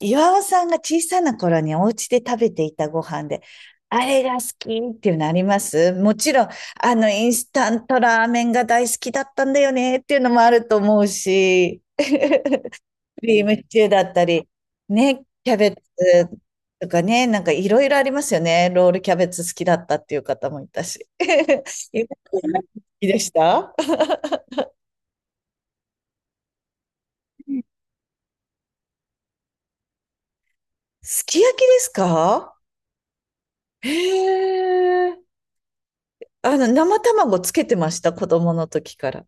岩尾さんが小さな頃にお家で食べていたご飯で、あれが好きっていうのありますもちろん、インスタントラーメンが大好きだったんだよねっていうのもあると思うし、クリームシチューだったり、ね、キャベツとかね、なんかいろいろありますよね。ロールキャベツ好きだったっていう方もいたし。ゆかさん好きでした？すき焼きですか？へえ。生卵つけてました、子供の時から。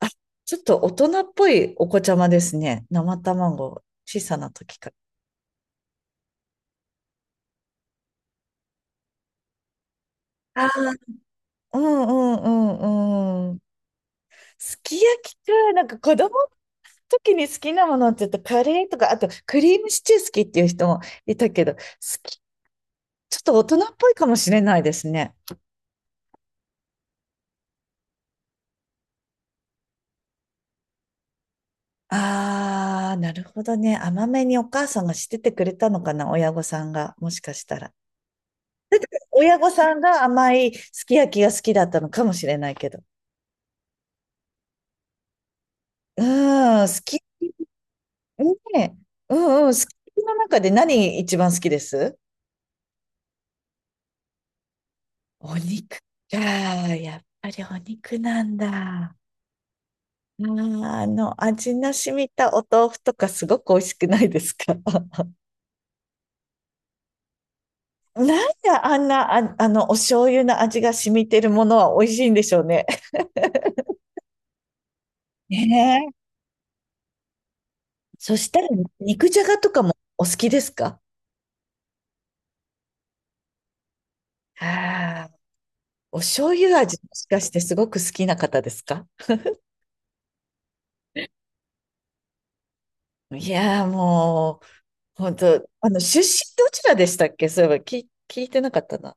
あ、ちょっと大人っぽいお子ちゃまですね。生卵、小さな時から。ああ、うんうんうんうん。すき焼きか、なんか子供の時に好きなものって言うとカレーとか、あとクリームシチュー好きっていう人もいたけど、好き、ちょっと大人っぽいかもしれないですね。ああ、なるほどね。甘めにお母さんがしててくれたのかな、親御さんが、もしかしたら。親御さんが甘いすき焼きが好きだったのかもしれないけど。うーん、すきねえ、うんうん、好きの中で何一番好きです？お肉か。やっぱりお肉なんだ。味の染みたお豆腐とかすごく美味しくないですか？ なんであんな、お醤油の味が染みてるものは美味しいんでしょうね。ねえ。そしたら、肉じゃがとかもお好きですか？ああー、お醤油味もしかしてすごく好きな方ですか？いやーもう、本当、出身どちらでしたっけ？そういえば、聞いてなかったな。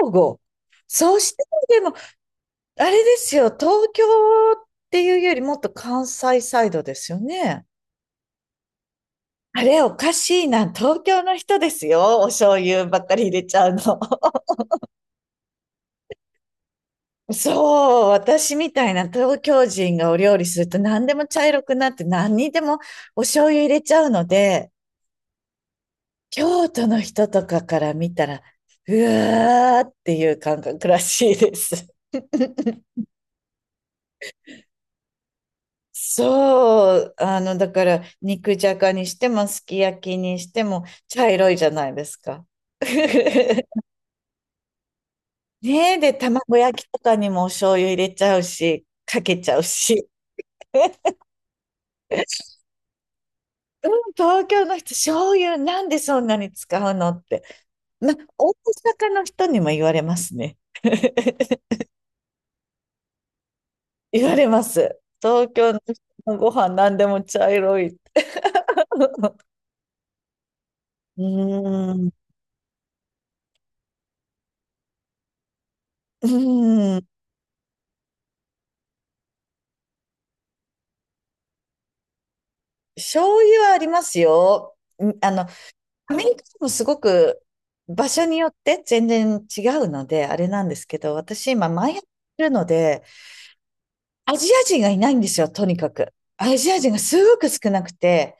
兵庫。そうしても、でも、あれですよ、東京っていうよりもっと関西サイドですよね。あれ、おかしいな。東京の人ですよ。お醤油ばっかり入れちゃうの。そう、私みたいな東京人がお料理すると何でも茶色くなって何にでもお醤油入れちゃうので、京都の人とかから見たら、うわーっていう感覚らしいです。そう、だから、肉じゃがにしても、すき焼きにしても、茶色いじゃないですか。ねえ、で、卵焼きとかにもお醤油入れちゃうし、かけちゃうし。うん、東京の人、醤油なんでそんなに使うのって。ま、大阪の人にも言われますね。言われます。東京の人のご飯何でも茶色い。うーん。うーん。醤油はありますよ。んあの、アメリカでもすごく場所によって全然違うので、あれなんですけど、私今前やってるので、アジア人がいないんですよ、とにかく。アジア人がすごく少なくて、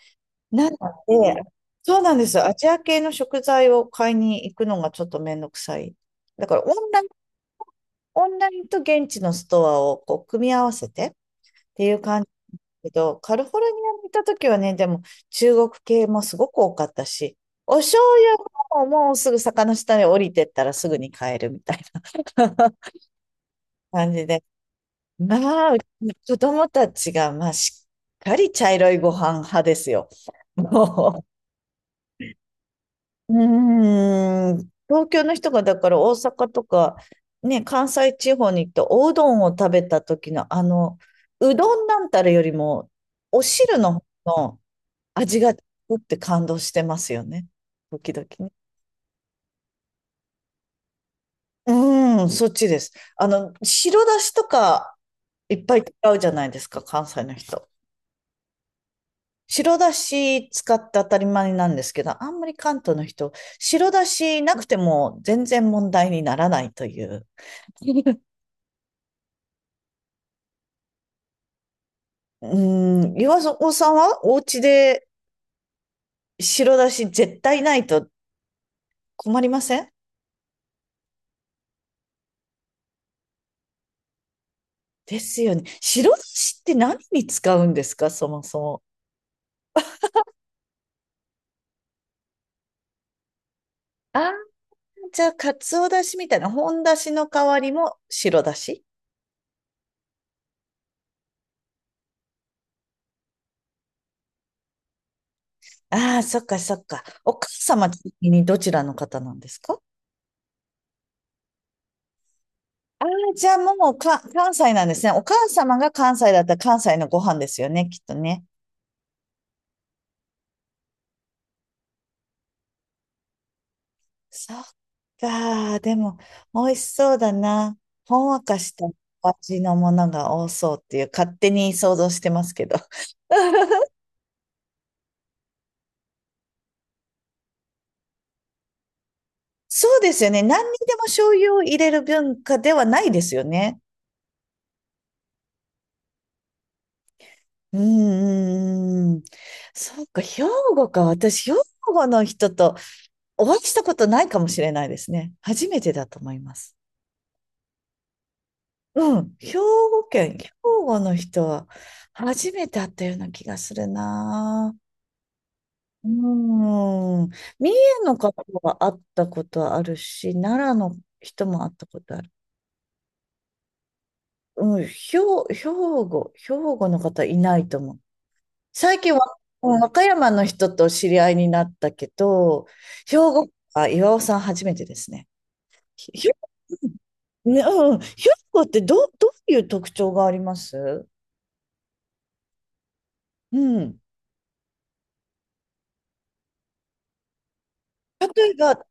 なので、そうなんです。アジア系の食材を買いに行くのがちょっとめんどくさい。だからオンラインと現地のストアをこう組み合わせてっていう感じだけど、カリフォルニアに行った時はね、でも中国系もすごく多かったし、お醤油ももうすぐ坂の下に降りてったらすぐに買えるみたいな 感じで。まあ、うちの子供たちが、まあ、しっかり茶色いご飯派ですよ。もううーん、東京の人がだから大阪とか、ね、関西地方に行っておうどんを食べた時のうどんなんたらよりも、お汁の方の味がうって感動してますよね。時々ね。うーん、そっちです。白だしとかいっぱい使うじゃないですか、関西の人。白だし使って当たり前なんですけど、あんまり関東の人、白だしなくても全然問題にならないという。うーん、岩尾さんはお家で白だし絶対ないと困りません？ですよね。白だしって何に使うんですか、そもそも。ああ、じゃあ、かつおだしみたいな、本だしの代わりも白だし？ああ、そっかそっか。お母様的にどちらの方なんですか？ああー、じゃあもうか関西なんですね。お母様が関西だったら関西のご飯ですよね、きっとね。そっか。でも、美味しそうだな。ほんわかしたお味のものが多そうっていう、勝手に想像してますけど。そうですよね。何にでも醤油を入れる文化ではないですよね。うんうんうん。そっか、兵庫か。私、兵庫の人とお会いしたことないかもしれないですね。初めてだと思います。うん。兵庫県、兵庫の人は初めて会ったような気がするな。うーん。三重の方は会ったことあるし、奈良の人も会ったことある。うん、兵庫の方いないと思う。最近は、うん和歌山の人と知り合いになったけど、兵庫、あ、岩尾さん初めてですね。ひひ。ね、うん、兵庫ってどういう特徴があります？うん。例えば、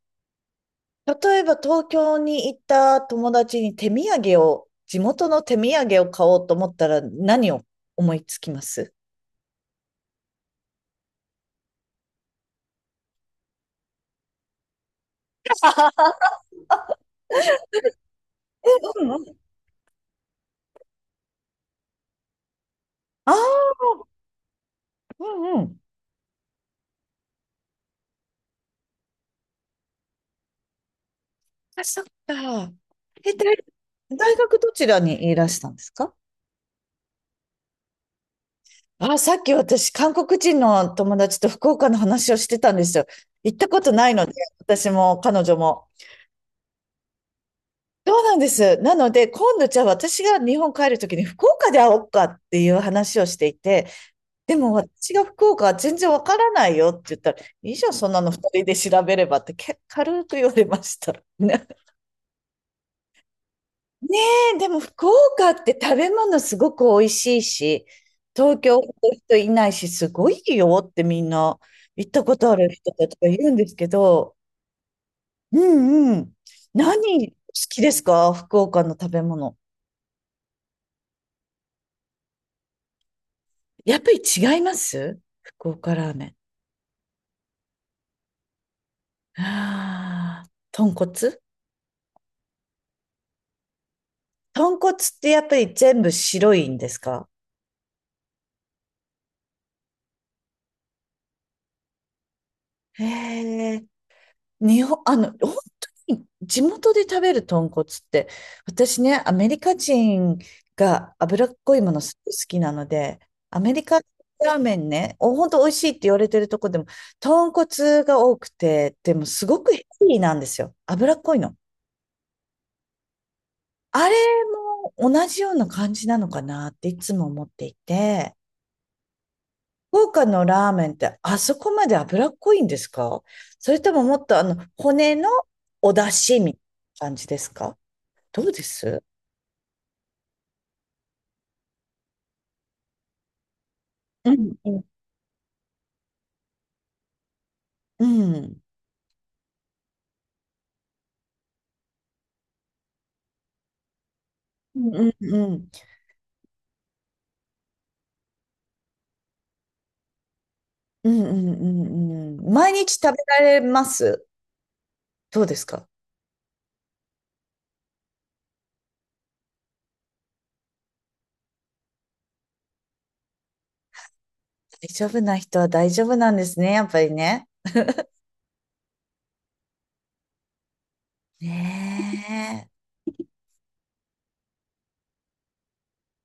例えば東京に行った友達に手土産を、地元の手土産を買おうと思ったら何を思いつきます？えうんうん。ああー、うんうん。あ、そっか。え、大学どちらにいらしたんですか？あ、さっき私、韓国人の友達と福岡の話をしてたんですよ。行ったことないので、私も彼女も。そうなんです。なので、今度じゃあ私が日本帰るときに福岡で会おうかっていう話をしていて、でも私が福岡は全然わからないよって言ったら、いいじゃん、そんなの二人で調べればって軽く言われました。ね。ねえ、でも福岡って食べ物すごく美味しいし、東京ほど人いないし、すごいよってみんな行ったことある人たちがいるんですけど、うんうん。何好きですか？福岡の食べ物。やっぱり違います？福岡ラーメン。ああ、豚骨。豚骨ってやっぱり全部白いんですか？へえ、日本、本当に地元で食べる豚骨って、私ね、アメリカ人が脂っこいものすごい好きなので、アメリカラーメンね、本当美味しいって言われてるとこでも、豚骨が多くて、でもすごくヘビーなんですよ。脂っこいの。あれも同じような感じなのかなっていつも思っていて、福岡のラーメンってあそこまで脂っこいんですか？それとももっと骨のお出汁みたいな感じですか？どうです？うんうんうんうんうんうんうんうんうん毎日食べられます？どうですか？大丈夫な人は大丈夫なんですね、やっぱりね。ねえ。